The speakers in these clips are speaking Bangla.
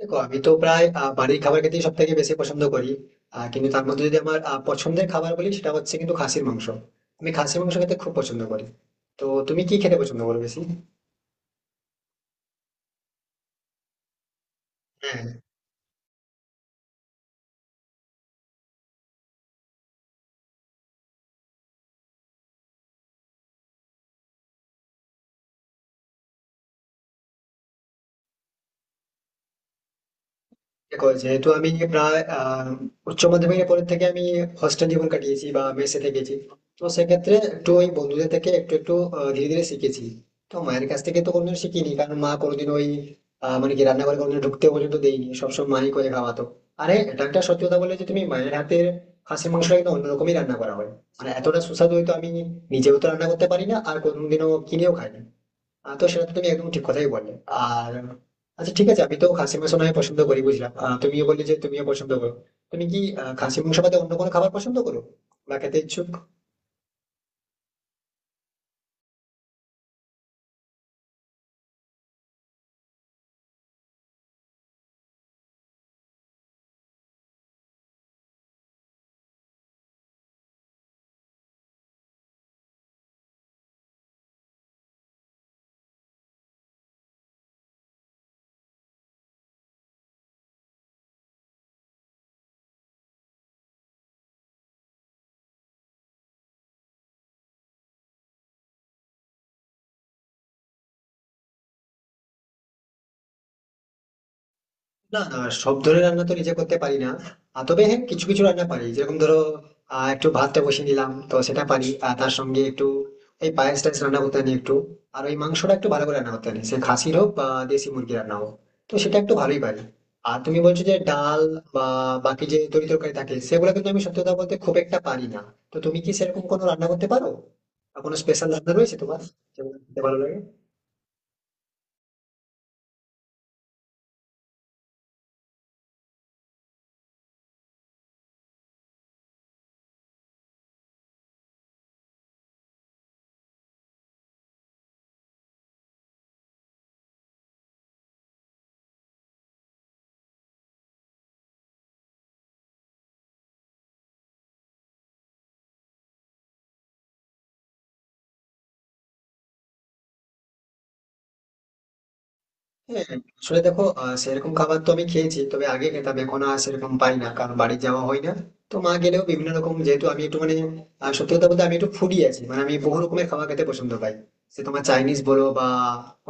দেখো, আমি তো প্রায় বাড়ির খাবার খেতেই সব থেকে বেশি পছন্দ করি। কিন্তু তার মধ্যে যদি আমার পছন্দের খাবার বলি, সেটা হচ্ছে কিন্তু খাসির মাংস। আমি খাসির মাংস খেতে খুব পছন্দ করি। তো তুমি কি খেতে পছন্দ করো বেশি? হ্যাঁ। দেখো, যেহেতু আমি প্রায় উচ্চ মাধ্যমিকের পরের থেকে আমি হস্টেল জীবন কাটিয়েছি বা মেসে থেকেছি, তো সেক্ষেত্রে একটু ওই বন্ধুদের থেকে একটু একটু ধীরে ধীরে শিখেছি। তো মায়ের কাছ থেকে তো কোনোদিন শিখিনি, কারণ মা কোনোদিন ওই মানে কি রান্নাঘরে কোনোদিন ঢুকতে পর্যন্ত দেয়নি, সবসময় মাই করে খাওয়াতো। আরে এটা একটা সত্যি কথা বলে যে তুমি মায়ের হাতের খাসির মাংসটা কিন্তু অন্যরকমই রান্না করা হয়। মানে এতটা সুস্বাদু হয়তো আমি নিজেও তো রান্না করতে পারি না, আর কোনোদিনও কিনেও খাই না। তো সেটা তো তুমি একদম ঠিক কথাই বললে। আর আচ্ছা, ঠিক আছে, আমি তো খাসি মাংস নয় পছন্দ করি বুঝলাম, তুমিও বললে যে তুমিও পছন্দ করো। তুমি কি খাসি মাংস বাদে অন্য কোনো খাবার পছন্দ করো বা খেতে ইচ্ছুক? না না, সব ধরনের রান্না তো নিজে করতে পারি না। তবে হ্যাঁ, কিছু কিছু রান্না পারি, যেরকম ধরো একটু ভাতটা বসিয়ে নিলাম তো সেটা পারি, আর তার সঙ্গে একটু এই পায়েস টায়েস রান্না করতে জানি একটু। আর ওই মাংসটা একটু ভালো করে রান্না করতে জানি, সে খাসির হোক বা দেশি মুরগি রান্না হোক, তো সেটা একটু ভালোই পারি। আর তুমি বলছো যে ডাল বা বাকি যে তরি তরকারি থাকে সেগুলো কিন্তু আমি সত্যি কথা বলতে খুব একটা পারি না। তো তুমি কি সেরকম কোনো রান্না করতে পারো বা কোনো স্পেশাল রান্না রয়েছে তোমার যেগুলো খেতে ভালো লাগে? হ্যাঁ। আসলে দেখো সেরকম খাবার তো আমি খেয়েছি, তবে আগে খেতাম, এখন আর সেরকম পাই না কারণ বাড়ি যাওয়া হয় না। তো মা গেলেও বিভিন্ন রকম, যেহেতু আমি একটু মানে সত্যি কথা বলতে আমি একটু ফুডি আছি, মানে আমি বহু রকমের খাবার খেতে পছন্দ পাই। সে তোমার চাইনিজ বলো বা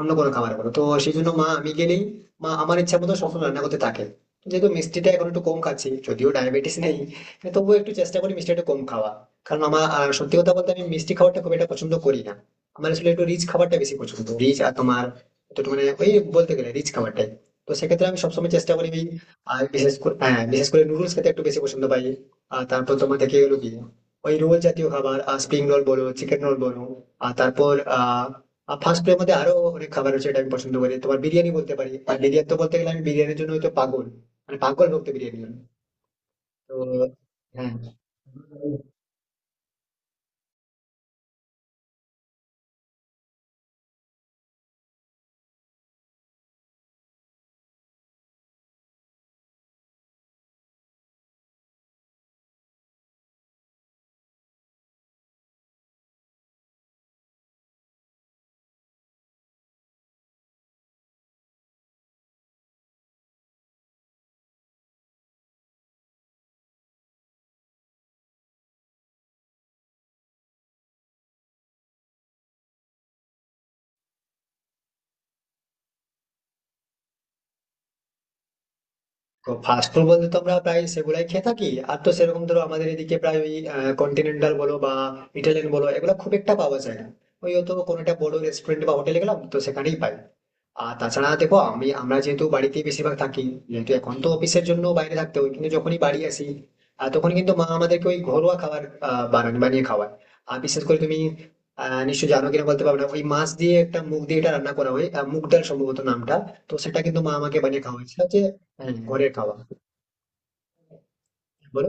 অন্য কোনো খাবার বলো, তো সেই জন্য মা আমি গেলেই মা আমার ইচ্ছা মতো সবসময় রান্না করতে থাকে। যেহেতু মিষ্টিটা এখন একটু কম খাচ্ছি, যদিও ডায়াবেটিস নেই, হ্যাঁ, তবুও একটু চেষ্টা করি মিষ্টিটা একটু কম খাওয়া। কারণ আমার সত্যি কথা বলতে আমি মিষ্টি খাবারটা খুব একটা পছন্দ করি না। আমার আসলে একটু রিচ খাবারটা বেশি পছন্দ, রিচ। আর তোমার তো মানে ওই বলতে গেলে রিচ খাবার টাইপ, তো সেক্ষেত্রে আমি সবসময় চেষ্টা করি ওই। আর বিশেষ করে হ্যাঁ, বিশেষ করে নুডলস খেতে একটু বেশি পছন্দ পাই। আর তারপর তোমার থেকে গেলো কি ওই রোল জাতীয় খাবার, আর স্প্রিং রোল বলো চিকেন রোল বলো। আর তারপর ফাস্ট ফুডের মধ্যে আরো অনেক খাবার আছে, এটা আমি পছন্দ করি তোমার বিরিয়ানি বলতে পারি, আর বিরিয়ানি তো বলতে গেলে আমি বিরিয়ানির জন্য হয়তো পাগল, মানে পাগল ভক্ত বিরিয়ানি। তো হ্যাঁ। তো ফাস্ট ফুড বলতে তো আমরা প্রায় সেগুলাই খেয়ে থাকি। আর তো সেরকম ধরো আমাদের এদিকে প্রায় ওই কন্টিনেন্টাল বলো বা ইটালিয়ান বলো, এগুলো খুব একটা পাওয়া যায় না। ওই হয়তো কোনো একটা বড় রেস্টুরেন্ট বা হোটেলে গেলাম তো সেখানেই পাই। আর তাছাড়া দেখো আমরা যেহেতু বাড়িতে বেশিরভাগ থাকি, যেহেতু এখন তো অফিসের জন্য বাইরে থাকতে হয় কিন্তু যখনই বাড়ি আসি তখন কিন্তু মা আমাদেরকে ওই ঘরোয়া খাবার বানিয়ে খাওয়ায়। আর বিশেষ করে তুমি নিশ্চয় জানো কিনা বলতে পারবে না ওই মাছ দিয়ে একটা মুগ দিয়ে এটা রান্না করা হয়, মুগ ডাল সম্ভবত নামটা। তো সেটা কিন্তু মা আমাকে বানিয়ে খাওয়ায়, সেটা হচ্ছে হ্যাঁ, ঘরের খাওয়া। বলো,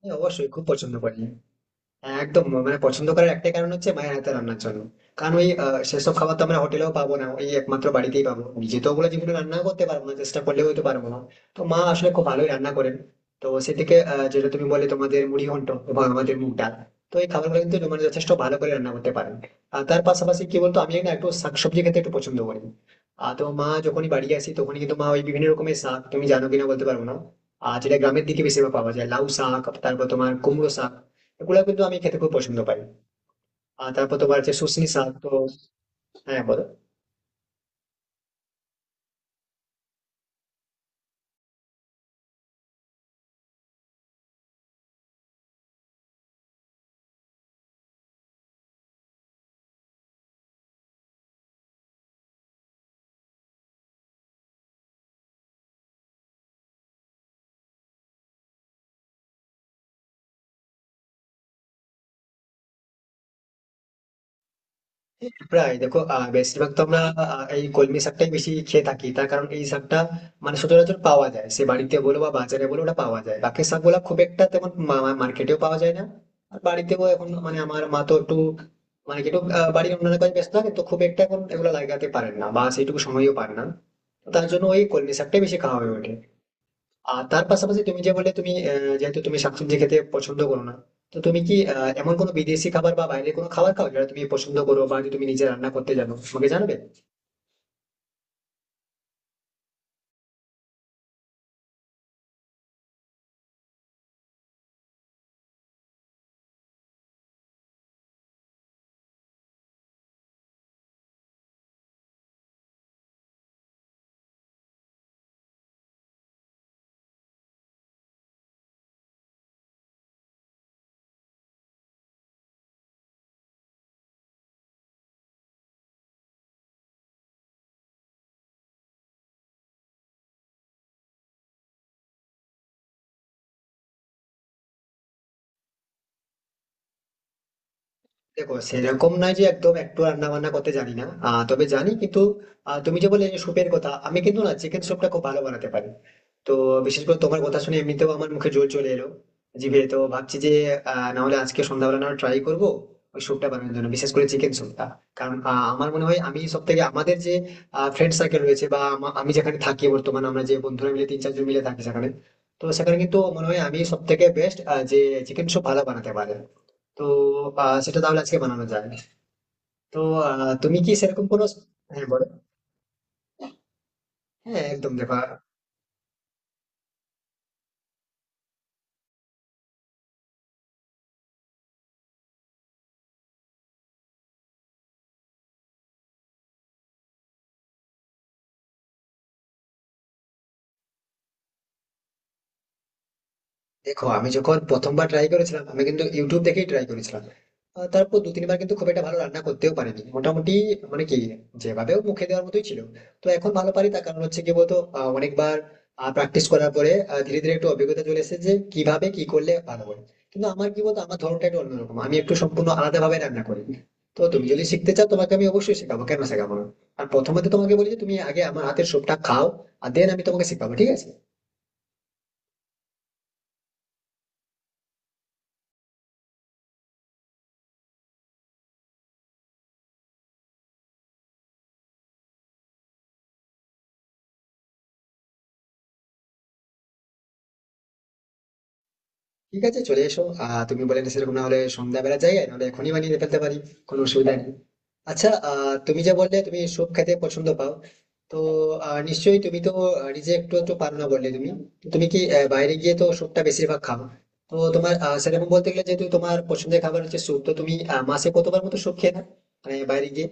হ্যাঁ অবশ্যই খুব পছন্দ করি। হ্যাঁ, একদম, মানে পছন্দ করার একটাই কারণ হচ্ছে মায়ের হাতে রান্নার জন্য। কারণ ওই সেসব খাবার তো আমরা হোটেলেও পাবো না, ওই একমাত্র বাড়িতেই পাবো, নিজে তো ওগুলো জীবনে রান্না করতে পারবো না, চেষ্টা করলেও হয়তো পারবো না। তো মা আসলে খুব ভালোই রান্না করেন। তো সেদিকে যেটা তুমি বলে তোমাদের মুড়ি ঘন্ট এবং আমাদের মুগ ডাল, তো এই খাবারগুলো কিন্তু মানে যথেষ্ট ভালো করে রান্না করতে পারেন। আর তার পাশাপাশি কি বলতো, আমি না একটু শাকসবজি খেতে একটু পছন্দ করি। আর তো মা যখনই বাড়ি আসি তখনই কিন্তু মা ওই বিভিন্ন রকমের শাক, তুমি জানো কিনা বলতে পারবো না, আর যেটা গ্রামের দিকে বেশিরভাগ পাওয়া যায় লাউ শাক, তারপর তোমার কুমড়ো শাক, এগুলো কিন্তু আমি খেতে খুব পছন্দ পাই। আর তারপর তোমার হচ্ছে শুষনি শাক। তো হ্যাঁ, বলো। প্রায় দেখো বেশিরভাগ তো আমরা এই কলমি শাকটাই বেশি খেয়ে থাকি, তার কারণ এই শাকটা মানে সচরাচর পাওয়া যায়, সে বাড়িতে বলো বা বাজারে বলো ওটা পাওয়া যায়, বাকি শাকগুলো খুব একটা তেমন মার্কেটেও পাওয়া যায় না। আর বাড়িতেও এখন মানে আমার মা তো একটু মানে কি একটু বাড়ির অন্যান্য কাজে ব্যস্ত থাকে, তো খুব একটা এখন এগুলো লাগাতে পারেন না বা সেইটুকু সময়ও পান না। তো তার জন্য ওই কলমি শাকটাই বেশি খাওয়া হয়ে ওঠে। আর তার পাশাপাশি তুমি যে বললে তুমি, যেহেতু তুমি শাকসবজি খেতে পছন্দ করো না, তো তুমি কি এমন কোনো বিদেশি খাবার বা বাইরে কোনো খাবার খাও যেটা তুমি পছন্দ করো, বা যে তুমি নিজে রান্না করতে জানো আমাকে জানাবে? দেখো সেরকম নয় যে একদম একটু রান্না বান্না করতে জানি না, তবে জানি কিন্তু। তুমি যে বললে যে স্যুপের কথা, আমি কিন্তু না চিকেন স্যুপটা খুব ভালো বানাতে পারি। তো বিশেষ করে তোমার কথা শুনে এমনিতেও আমার মুখে জল চলে এলো, জিভে তো ভাবছি যে না হলে আজকে সন্ধ্যাবেলা না ট্রাই করবো ওই স্যুপটা বানানোর জন্য, বিশেষ করে চিকেন স্যুপটা। কারণ আমার মনে হয় আমি সব থেকে, আমাদের যে ফ্রেন্ড সার্কেল রয়েছে বা আমি যেখানে থাকি বর্তমানে আমরা যে বন্ধুরা মিলে তিন চারজন মিলে থাকি সেখানে, তো সেখানে কিন্তু মনে হয় আমি সব থেকে বেস্ট যে চিকেন স্যুপ ভালো বানাতে পারে। তো সেটা তাহলে আজকে বানানো যায়। তো তুমি কি সেরকম কোনো, হ্যাঁ বলো। হ্যাঁ একদম, দেখো দেখো আমি যখন প্রথমবার ট্রাই করেছিলাম আমি কিন্তু ইউটিউব দেখেই ট্রাই করেছিলাম। তারপর দু তিনবার কিন্তু খুব একটা ভালো রান্না করতেও পারিনি, মোটামুটি মানে কি যেভাবেও মুখে দেওয়ার মতোই ছিল। তো এখন ভালো পারি, তার কারণ হচ্ছে কি বলতো অনেকবার প্র্যাকটিস করার পরে ধীরে ধীরে একটু অভিজ্ঞতা চলে এসেছে, যে কিভাবে কি করলে ভালো হয়। কিন্তু আমার কি বলতো আমার ধরনটা একটু অন্যরকম, আমি একটু সম্পূর্ণ আলাদা ভাবে রান্না করি। তো তুমি যদি শিখতে চাও তোমাকে আমি অবশ্যই শেখাবো, কেন শেখাবো না। আর প্রথমে তো তোমাকে বলি যে তুমি আগে আমার হাতের সবটা খাও, আর দেন আমি তোমাকে শেখাবো, ঠিক আছে? ঠিক আছে, চলে এসো, তুমি বলে সেরকম না হলে সন্ধ্যাবেলা যাই, আর নাহলে এখনই বানিয়ে ফেলতে পারি, কোনো অসুবিধা নেই। আচ্ছা, তুমি যে বললে তুমি স্যুপ খেতে পছন্দ পাও, তো নিশ্চয়ই তুমি তো নিজে একটু একটু পারো না বললে তুমি। তো তুমি কি বাইরে গিয়ে তো স্যুপটা বেশিরভাগ খাও? তো তোমার সেরকম বলতে গেলে যেহেতু তোমার পছন্দের খাবার হচ্ছে স্যুপ, তো তুমি মাসে কতবার মতো স্যুপ খেয়ে না মানে বাইরে গিয়ে?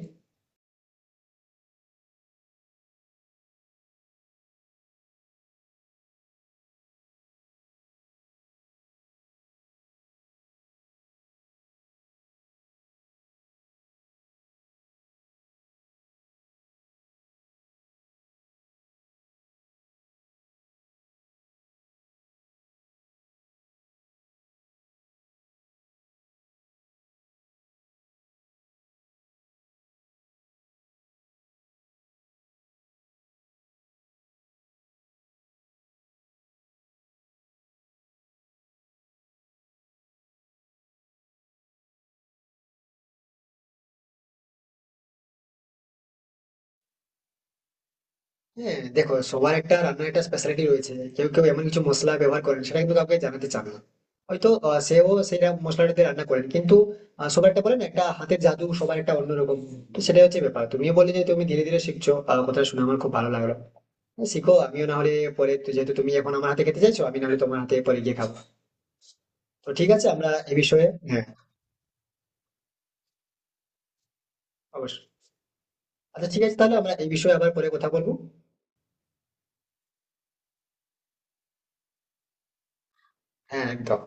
হ্যাঁ। দেখো সবার একটা রান্নার একটা স্পেশালিটি রয়েছে, কেউ কেউ এমন কিছু মশলা ব্যবহার করেন সেটা কিন্তু কাউকে জানাতে চান না। হয়তো সেও সেটা মশলাটাতে রান্না করেন, কিন্তু সবার একটা বলেন একটা হাতের জাদু, সবার একটা অন্যরকম। তো সেটাই হচ্ছে ব্যাপার। তুমিও বলে যে তুমি ধীরে ধীরে শিখছো, কথা শুনে আমার খুব ভালো লাগলো। হ্যাঁ, শিখো, আমিও না হলে পরে যেহেতু তুমি এখন আমার হাতে খেতে চাইছো, আমি না হলে তোমার হাতে পরে গিয়ে খাবো। তো ঠিক আছে আমরা এই বিষয়ে, হ্যাঁ অবশ্যই। আচ্ছা ঠিক আছে, তাহলে আমরা এই বিষয়ে আবার পরে কথা বলবো। হ্যাঁ একদম।